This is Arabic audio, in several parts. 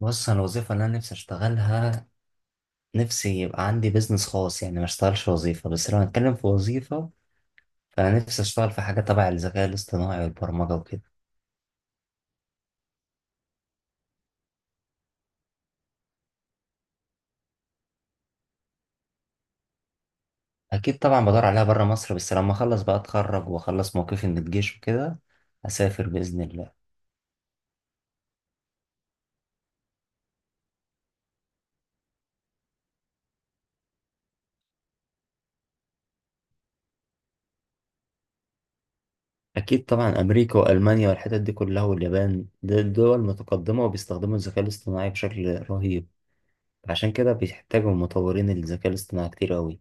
بص، انا الوظيفه اللي انا نفسي اشتغلها، نفسي يبقى عندي بيزنس خاص. يعني ما اشتغلش وظيفه، بس لو هنتكلم في وظيفه فانا نفسي اشتغل في حاجه تبع الذكاء الاصطناعي والبرمجه وكده. اكيد طبعا بدور عليها بره مصر، بس لما اخلص بقى اتخرج واخلص موقفي من الجيش وكده اسافر باذن الله. اكيد طبعا امريكا والمانيا والحتت دي كلها واليابان دي دول متقدمه وبيستخدموا الذكاء الاصطناعي بشكل رهيب، عشان كده بيحتاجوا مطورين الذكاء الاصطناعي كتير قوي.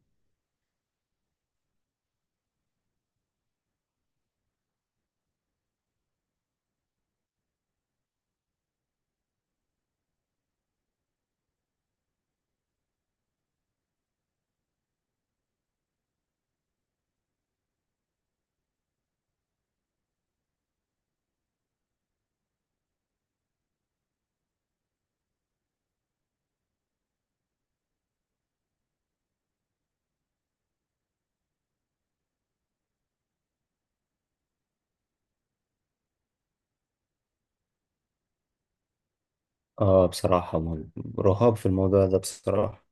اه بصراحه، رهاب في الموضوع ده بصراحه.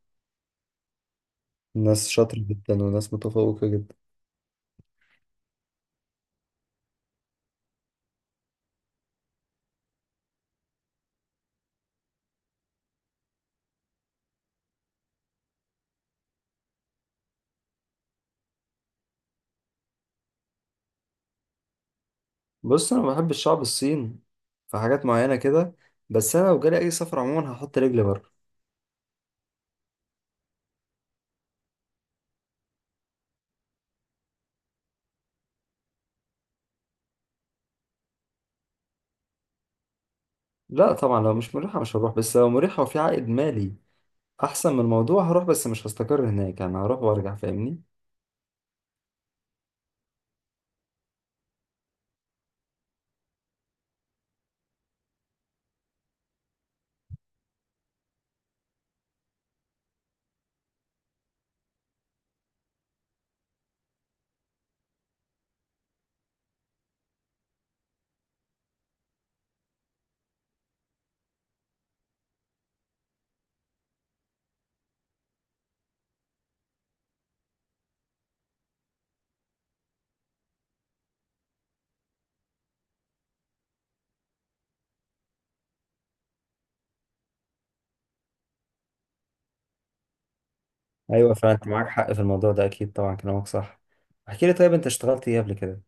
ناس شاطرة جدا وناس متفوقة جدا. بص، انا بحب الشعب الصين في حاجات معينه كده، بس انا لو جالي اي سفر عموما هحط رجلي بره. لا طبعا، لو مش مريحه مش هروح، بس لو مريحه وفي عائد مالي احسن من الموضوع هروح، بس مش هستقر هناك، يعني هروح وارجع فاهمني. ايوه فعلا انت معاك حق في الموضوع ده، اكيد طبعا كلامك صح. احكي لي طيب، انت اشتغلت ايه قبل كده؟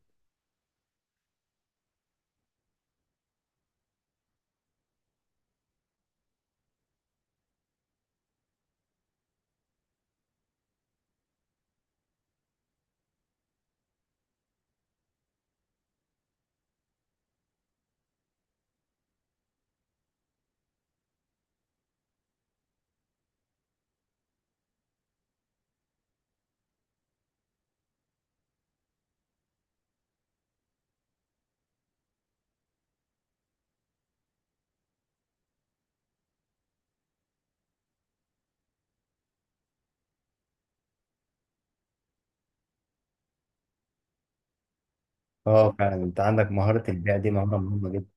اه فعلا انت عندك مهارة البيع دي، مهارة مهمة جدا.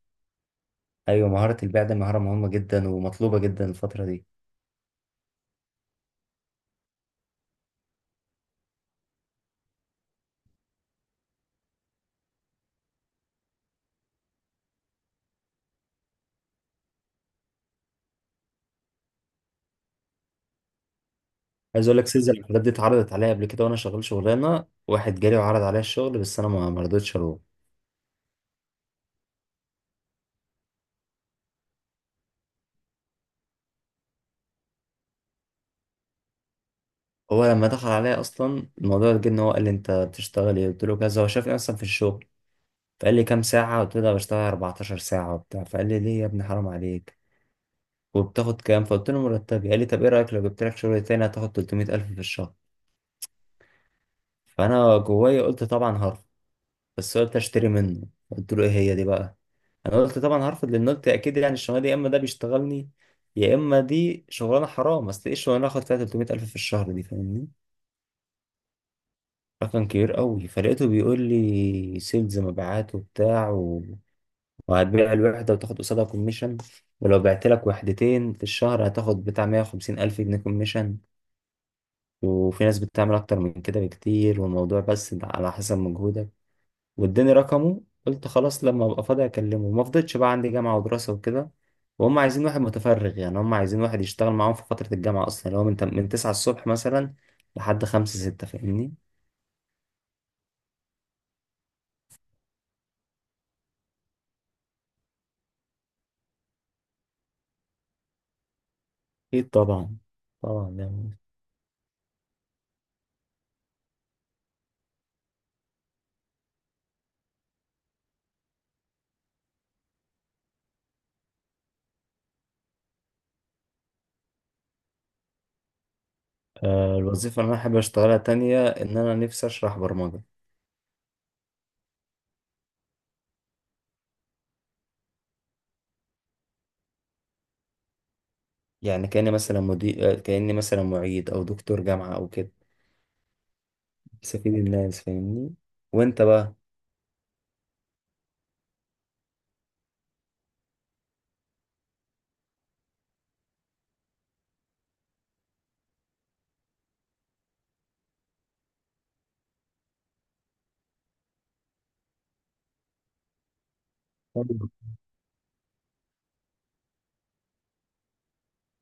ايوه مهارة البيع دي مهارة مهمة جدا ومطلوبة جدا الفترة دي. عايز اقول لك، سيلز الحاجات دي اتعرضت عليا قبل كده وانا شغال شغلانه. واحد جالي وعرض عليا الشغل بس انا ما رضيتش اروح. هو لما دخل عليا اصلا الموضوع، جه ان هو قال لي انت بتشتغل ايه، قلت له كذا. هو شافني اصلا في الشغل، فقال لي كام ساعه، قلت له ده بشتغل 14 ساعه وبتاع. فقال لي ليه يا ابني حرام عليك، وبتاخد كام؟ فقلت له مرتبي. قال لي طب ايه رايك لو جبت لك شغل تاني هتاخد 300,000 في الشهر. فانا جوايا قلت طبعا هرفض، بس قلت اشتري منه. قلت له ايه هي دي بقى؟ انا قلت طبعا هرفض، لان قلت اكيد يعني الشغلانه دي يا اما ده بيشتغلني، يا اما دي شغلانه حرام. اصل ايه الشغلانه اخد فيها 300 الف في الشهر دي فاهمني؟ رقم كبير قوي. فلقيته بيقول لي سيلز مبيعات وبتاع وهتبيع الوحده وتاخد قصادها كوميشن، ولو بعت لك وحدتين في الشهر هتاخد بتاع 150 الف جنيه كوميشن، وفي ناس بتعمل اكتر من كده بكتير، والموضوع بس على حسب مجهودك. واداني رقمه، قلت خلاص لما ابقى فاضي اكلمه. ما فضلتش بقى، عندي جامعه ودراسه وكده، وهم عايزين واحد متفرغ. يعني هم عايزين واحد يشتغل معاهم في فتره الجامعه اصلا، اللي هو من من 9 الصبح مثلا لحد 5 6 فاهمني. اكيد طبعا. طبعا يعني. آه، الوظيفه اللي انا حابب اشتغلها تانية ان انا نفسي اشرح برمجه. يعني كاني مثلا مدير، كاني مثلا معيد او دكتور جامعه او كده، بستفيد الناس فاهمني. وانت بقى؟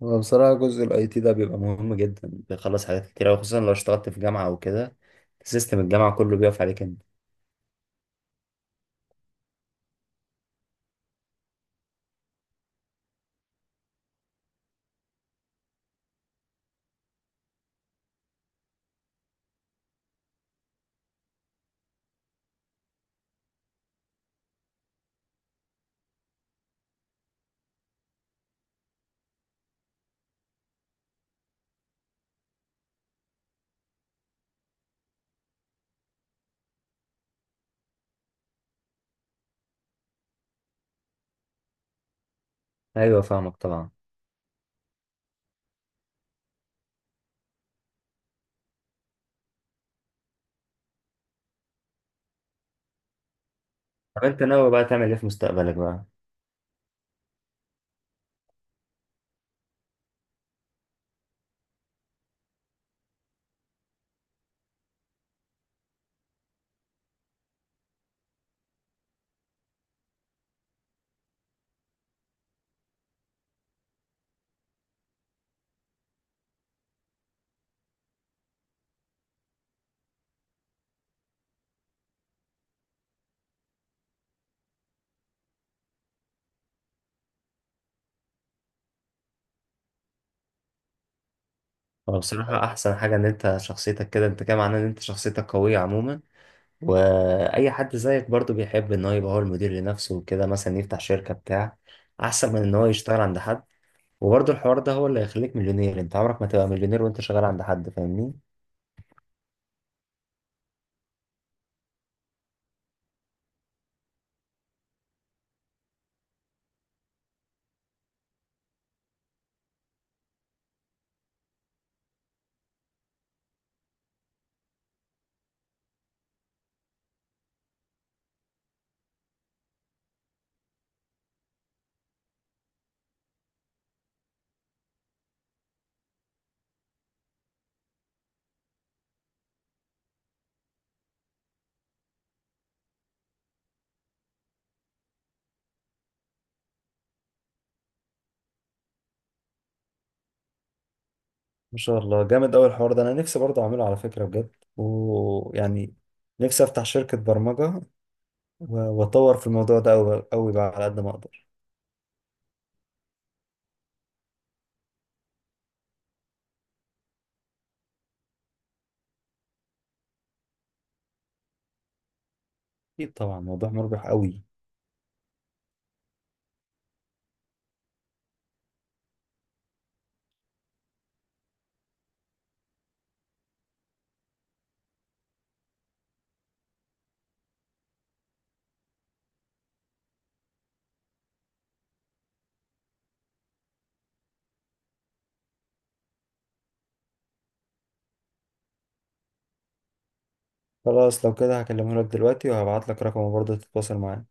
هو بصراحة جزء الاي تي ده بيبقى مهم جدا، بيخلص حاجات كتير أوي، خصوصا لو اشتغلت في جامعة او كده سيستم الجامعة كله بيقف عليك انت. ايوه فاهمك طبعا. طب انت ناوي بقى تعمل ايه في مستقبلك بقى؟ هو بصراحة احسن حاجة ان انت شخصيتك كده، انت كده معناه ان انت شخصيتك قوية عموما. واي حد زيك برضو بيحب ان هو يبقى هو المدير لنفسه وكده، مثلا يفتح شركة بتاع، احسن من ان هو يشتغل عند حد. وبرضه الحوار ده هو اللي هيخليك مليونير، انت عمرك ما تبقى مليونير وانت شغال عند حد فاهمني. ما شاء الله، جامد أوي الحوار ده، أنا نفسي برضه أعمله على فكرة بجد. ويعني نفسي أفتح شركة برمجة، وأطور في الموضوع ده أوي أوي بقى على قد ما أقدر. أكيد طبعا، موضوع مربح أوي. خلاص لو كده هكلمه لك دلوقتي، وهبعت لك رقمه برضه تتواصل معاه.